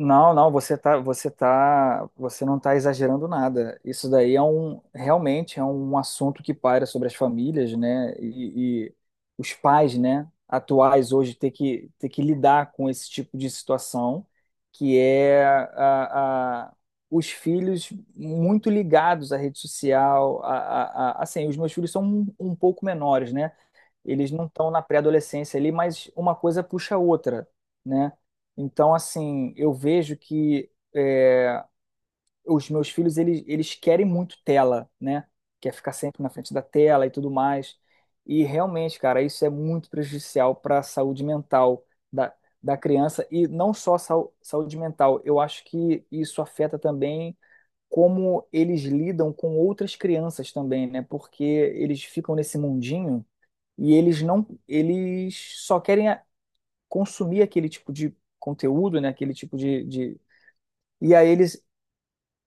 Não, você não está exagerando nada. Isso daí é um, realmente é um assunto que paira sobre as famílias, né? E os pais, né, atuais hoje ter que lidar com esse tipo de situação, que é os filhos muito ligados à rede social, assim, os meus filhos são um pouco menores, né? Eles não estão na pré-adolescência ali, mas uma coisa puxa a outra, né? Então, assim, eu vejo que é, os meus filhos, eles querem muito tela, né? Quer ficar sempre na frente da tela e tudo mais. E realmente, cara, isso é muito prejudicial para a saúde mental da, da criança e não só saúde mental. Eu acho que isso afeta também como eles lidam com outras crianças também, né? Porque eles ficam nesse mundinho e eles não, eles só querem consumir aquele tipo de conteúdo, né? Aquele tipo de... E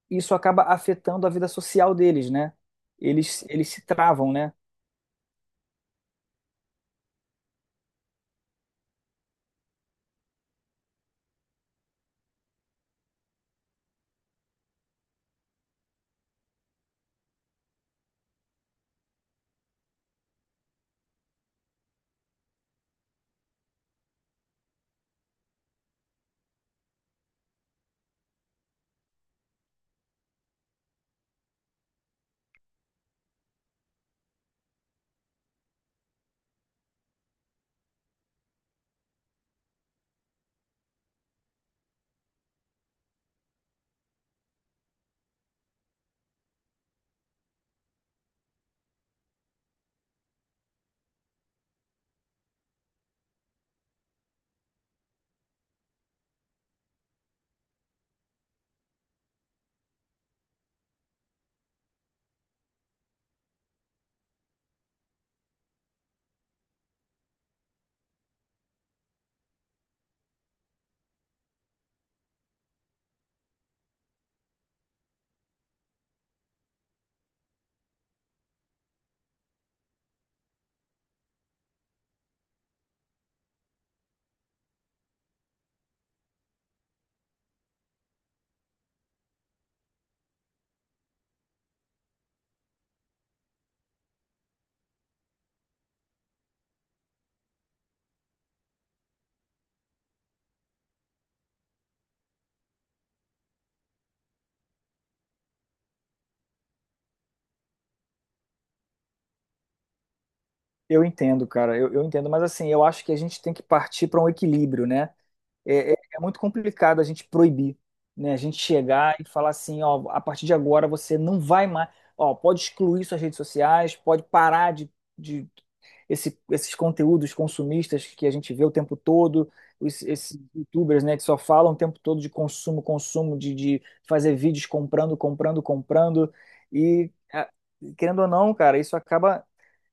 isso acaba afetando a vida social deles, né? Eles se travam, né? Eu entendo, cara, eu entendo, mas assim, eu acho que a gente tem que partir para um equilíbrio, né? É muito complicado a gente proibir, né? A gente chegar e falar assim, ó, a partir de agora você não vai mais, ó, pode excluir suas redes sociais, pode parar de esses conteúdos consumistas que a gente vê o tempo todo, esses youtubers, né, que só falam o tempo todo de consumo, consumo, de fazer vídeos comprando, comprando, comprando. E, a- Querendo ou não, cara, isso acaba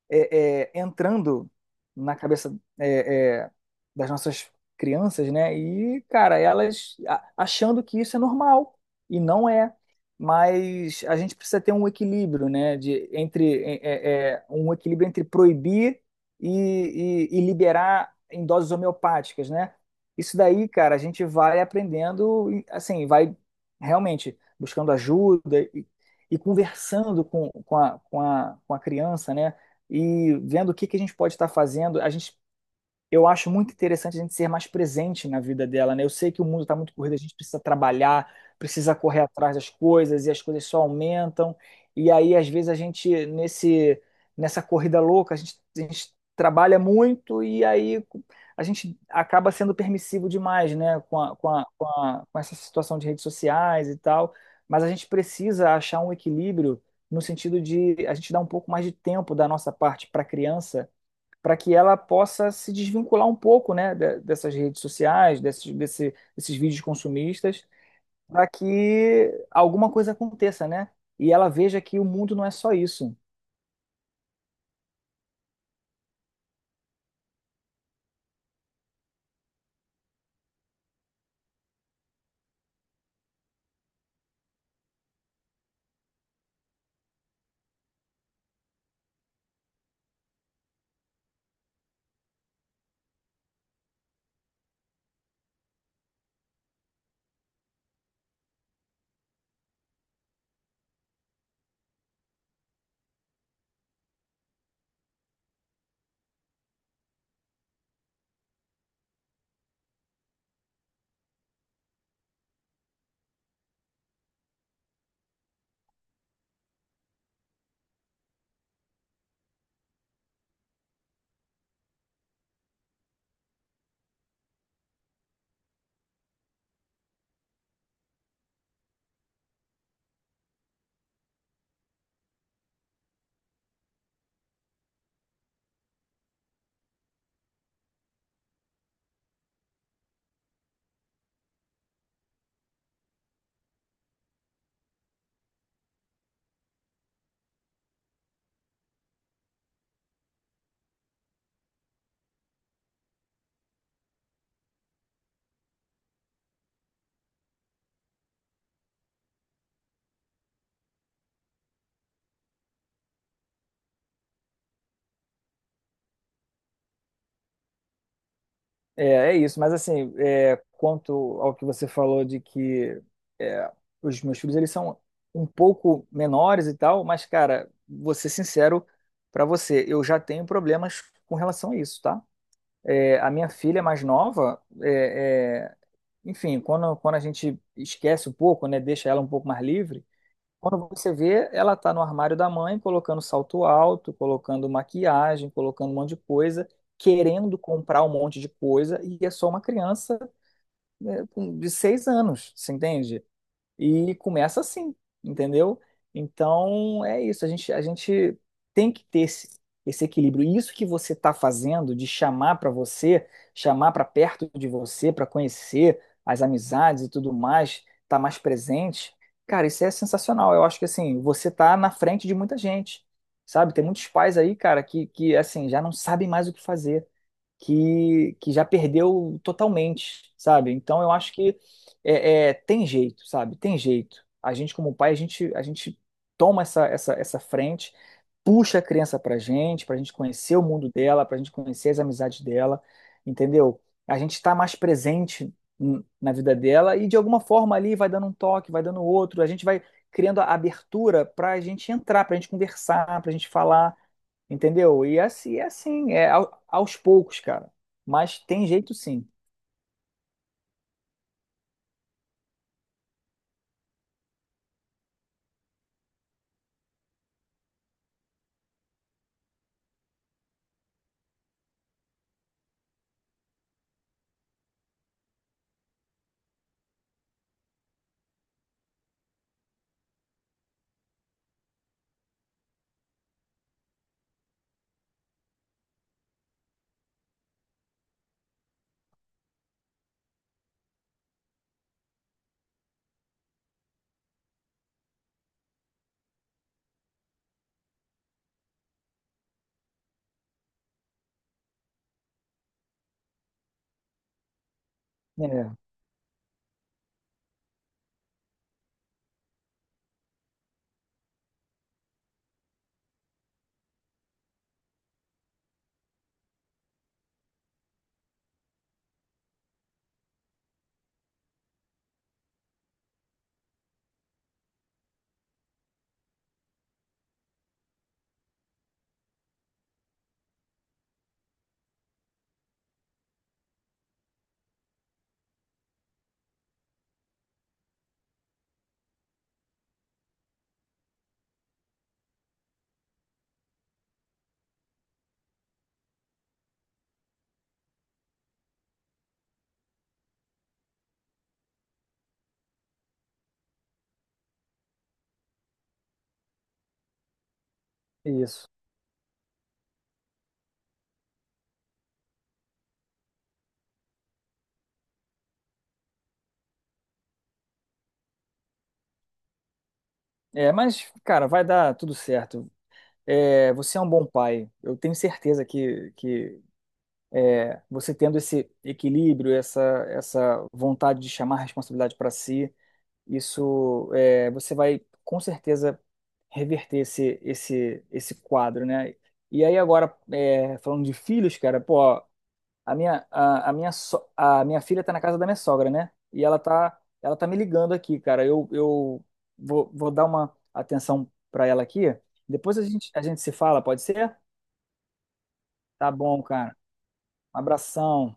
entrando na cabeça das nossas crianças, né? E, cara, elas achando que isso é normal e não é. Mas a gente precisa ter um equilíbrio, né? De, entre um equilíbrio entre proibir e liberar em doses homeopáticas, né? Isso daí, cara, a gente vai aprendendo, e, assim, vai realmente buscando ajuda e conversando com a criança, né? E vendo que a gente pode estar fazendo. A gente eu acho muito interessante a gente ser mais presente na vida dela, né? Eu sei que o mundo está muito corrido, a gente precisa trabalhar, precisa correr atrás das coisas e as coisas só aumentam. E aí, às vezes, nessa corrida louca, a gente trabalha muito e aí a gente acaba sendo permissivo demais, né? Com essa situação de redes sociais e tal. Mas a gente precisa achar um equilíbrio no sentido de a gente dar um pouco mais de tempo da nossa parte para a criança para que ela possa se desvincular um pouco, né, dessas redes sociais, desses vídeos consumistas, para que alguma coisa aconteça, né? E ela veja que o mundo não é só isso. É, é isso. Mas assim, é, quanto ao que você falou de que é, os meus filhos eles são um pouco menores e tal, mas cara, vou ser sincero para você, eu já tenho problemas com relação a isso, tá? É, a minha filha mais nova enfim, quando a gente esquece um pouco, né, deixa ela um pouco mais livre, quando você vê, ela tá no armário da mãe, colocando salto alto, colocando maquiagem, colocando um monte de coisa, querendo comprar um monte de coisa, e é só uma criança, né, de 6 anos, você entende? E começa assim, entendeu? Então é isso, a gente tem que ter esse equilíbrio. E isso que você está fazendo de chamar para você, chamar para perto de você, para conhecer as amizades e tudo mais, tá mais presente, cara, isso é sensacional. Eu acho que assim, você tá na frente de muita gente, sabe? Tem muitos pais aí, cara, que assim, já não sabem mais o que fazer que já perdeu totalmente, sabe? Então eu acho que tem jeito, sabe? Tem jeito. A gente, como pai, a gente toma essa frente, puxa a criança pra gente conhecer o mundo dela, pra gente conhecer as amizades dela, entendeu? A gente está mais presente na vida dela e de alguma forma ali vai dando um toque, vai dando outro, a gente vai criando a abertura pra gente entrar, pra gente conversar, pra gente falar. Entendeu? E assim, é aos poucos, cara. Mas tem jeito sim. É, isso. É, mas, cara, vai dar tudo certo. É, você é um bom pai. Eu tenho certeza que você tendo esse equilíbrio, essa vontade de chamar a responsabilidade para si, isso, é, você vai com certeza reverter esse quadro, né? E aí agora, é, falando de filhos, cara, pô, a minha, a minha, a minha filha tá na casa da minha sogra, né? E ela tá me ligando aqui, cara. Eu vou, vou dar uma atenção pra ela aqui. Depois a gente se fala, pode ser? Tá bom, cara. Um abração.